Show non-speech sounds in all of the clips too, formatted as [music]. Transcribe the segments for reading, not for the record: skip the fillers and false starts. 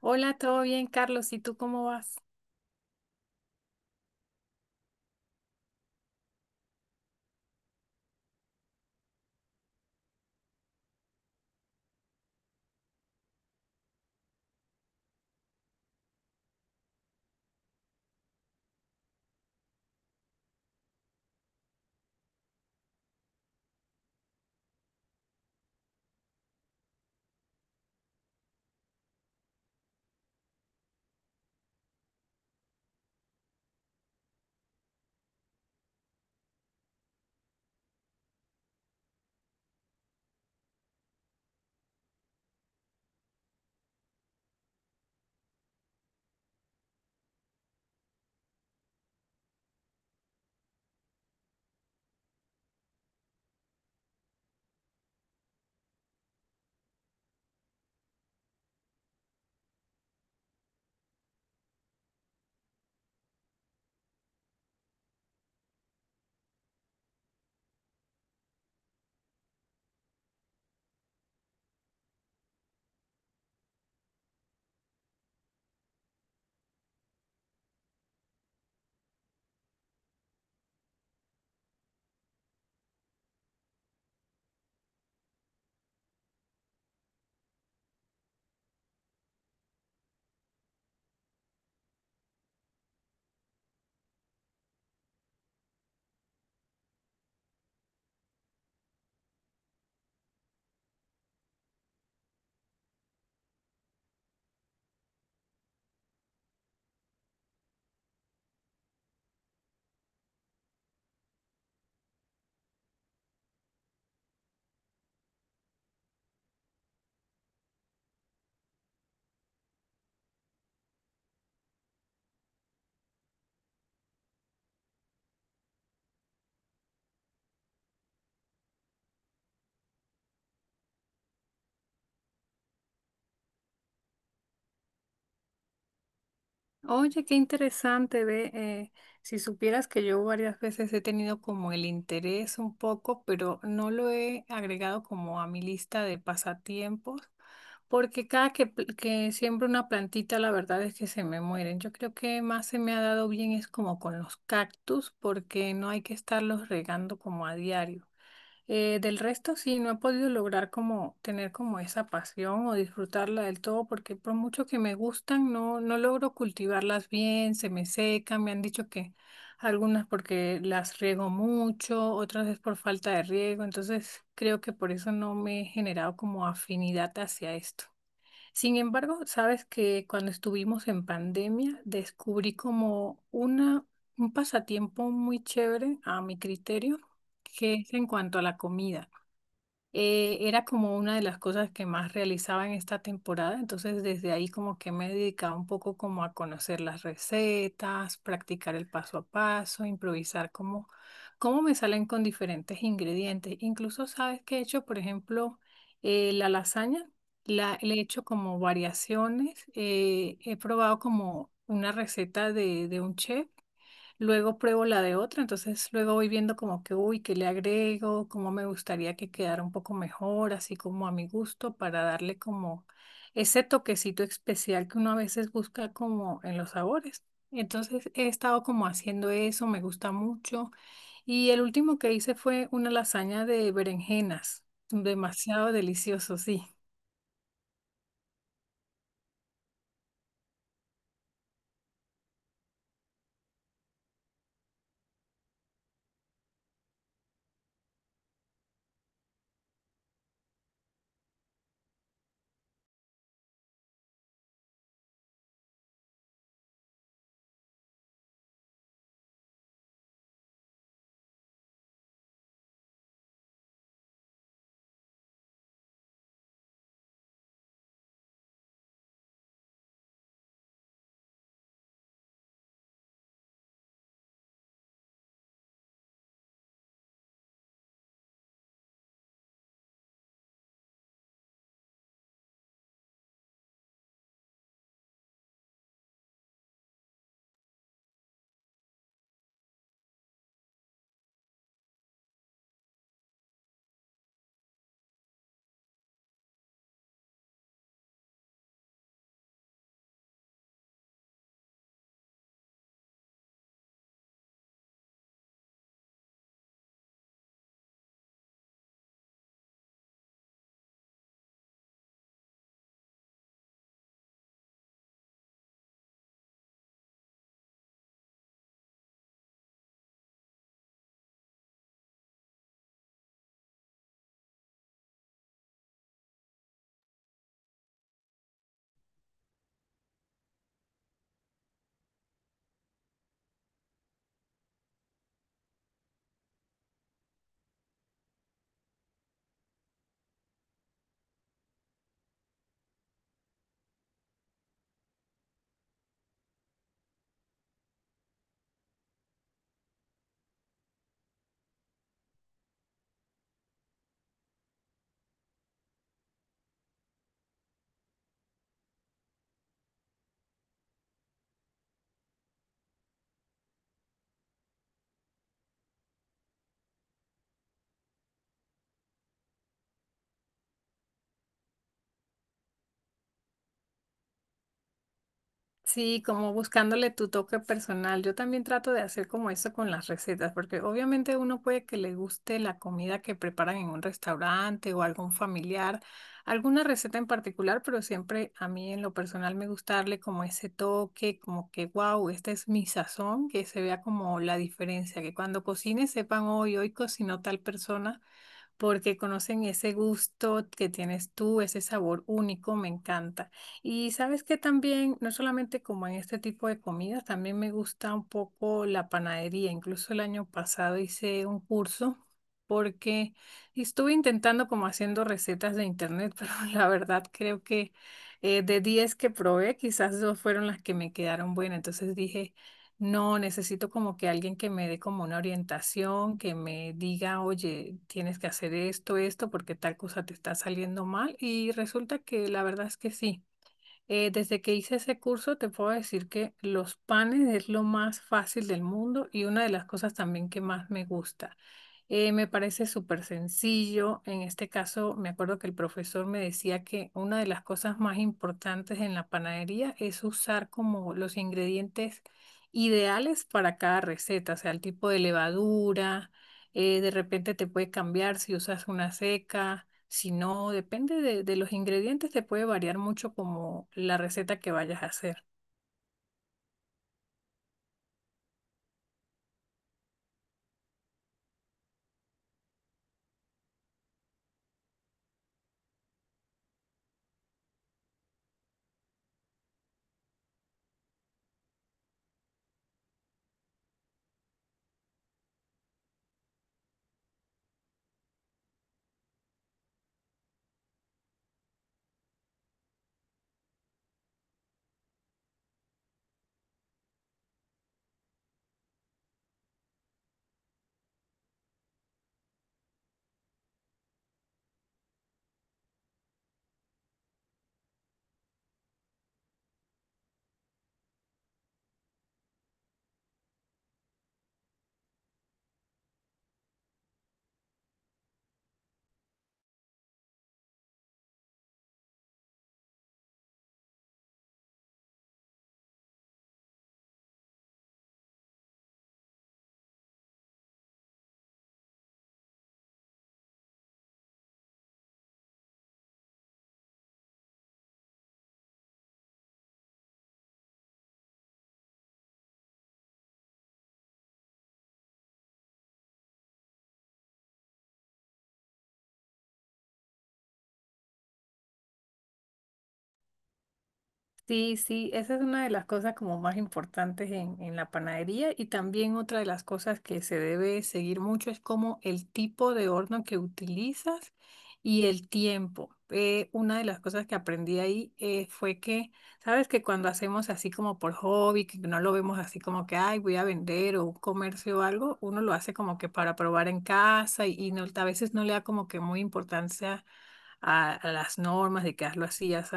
Hola, ¿todo bien, Carlos? ¿Y tú cómo vas? Oye, qué interesante, ve, si supieras que yo varias veces he tenido como el interés un poco, pero no lo he agregado como a mi lista de pasatiempos, porque que siembro una plantita, la verdad es que se me mueren. Yo creo que más se me ha dado bien es como con los cactus, porque no hay que estarlos regando como a diario. Del resto, sí, no he podido lograr como tener como esa pasión o disfrutarla del todo, porque por mucho que me gustan, no logro cultivarlas bien, se me secan, me han dicho que algunas porque las riego mucho, otras es por falta de riego, entonces creo que por eso no me he generado como afinidad hacia esto. Sin embargo, sabes que cuando estuvimos en pandemia descubrí un pasatiempo muy chévere a mi criterio, que es en cuanto a la comida era como una de las cosas que más realizaba en esta temporada, entonces desde ahí como que me he dedicado un poco como a conocer las recetas, practicar el paso a paso, improvisar cómo me salen con diferentes ingredientes. Incluso sabes que he hecho, por ejemplo, la lasaña, le he hecho como variaciones, he probado como una receta de un chef. Luego pruebo la de otro, entonces luego voy viendo como que, uy, qué le agrego, cómo me gustaría que quedara un poco mejor, así como a mi gusto, para darle como ese toquecito especial que uno a veces busca como en los sabores. Entonces he estado como haciendo eso, me gusta mucho. Y el último que hice fue una lasaña de berenjenas, demasiado delicioso, sí. Sí, como buscándole tu toque personal. Yo también trato de hacer como eso con las recetas, porque obviamente uno puede que le guste la comida que preparan en un restaurante o algún familiar, alguna receta en particular, pero siempre a mí en lo personal me gusta darle como ese toque, como que wow, esta es mi sazón, que se vea como la diferencia, que cuando cocine sepan hoy, hoy cocinó tal persona porque conocen ese gusto que tienes tú, ese sabor único, me encanta. Y sabes que también, no solamente como en este tipo de comidas, también me gusta un poco la panadería. Incluso el año pasado hice un curso porque estuve intentando como haciendo recetas de internet, [laughs] pero la verdad creo que de 10 que probé, quizás dos fueron las que me quedaron buenas. Entonces dije... No, necesito como que alguien que me dé como una orientación, que me diga, oye, tienes que hacer esto, esto, porque tal cosa te está saliendo mal. Y resulta que la verdad es que sí. Desde que hice ese curso, te puedo decir que los panes es lo más fácil del mundo y una de las cosas también que más me gusta. Me parece súper sencillo. En este caso, me acuerdo que el profesor me decía que una de las cosas más importantes en la panadería es usar como los ingredientes ideales para cada receta, o sea, el tipo de levadura, de repente te puede cambiar si usas una seca. Si no, depende de los ingredientes, te puede variar mucho como la receta que vayas a hacer. Sí, sí, esa es una de las cosas como más importantes en la panadería y también otra de las cosas que se debe seguir mucho es como el tipo de horno que utilizas y el tiempo. Una de las cosas que aprendí ahí fue que, sabes que cuando hacemos así como por hobby, que no lo vemos así como que, ay, voy a vender o un comercio o algo, uno lo hace como que para probar en casa y no, a veces no le da como que muy importancia a las normas de que hazlo así, así.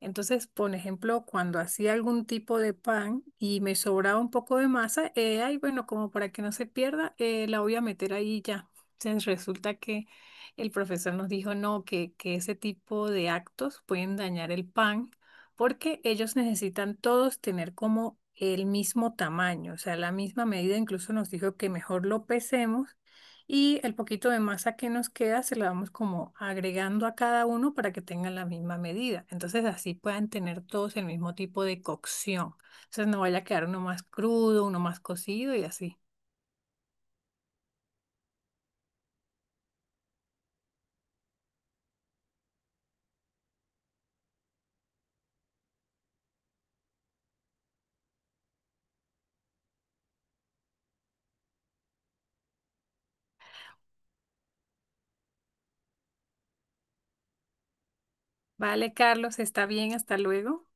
Entonces, por ejemplo, cuando hacía algún tipo de pan y me sobraba un poco de masa, ay, bueno, como para que no se pierda, la voy a meter ahí y ya. Entonces, resulta que el profesor nos dijo, no, que ese tipo de actos pueden dañar el pan porque ellos necesitan todos tener como el mismo tamaño, o sea, la misma medida, incluso nos dijo que mejor lo pesemos y el poquito de masa que nos queda se la vamos como agregando a cada uno para que tengan la misma medida. Entonces así puedan tener todos el mismo tipo de cocción. Entonces no vaya a quedar uno más crudo, uno más cocido y así. Vale, Carlos, está bien, hasta luego.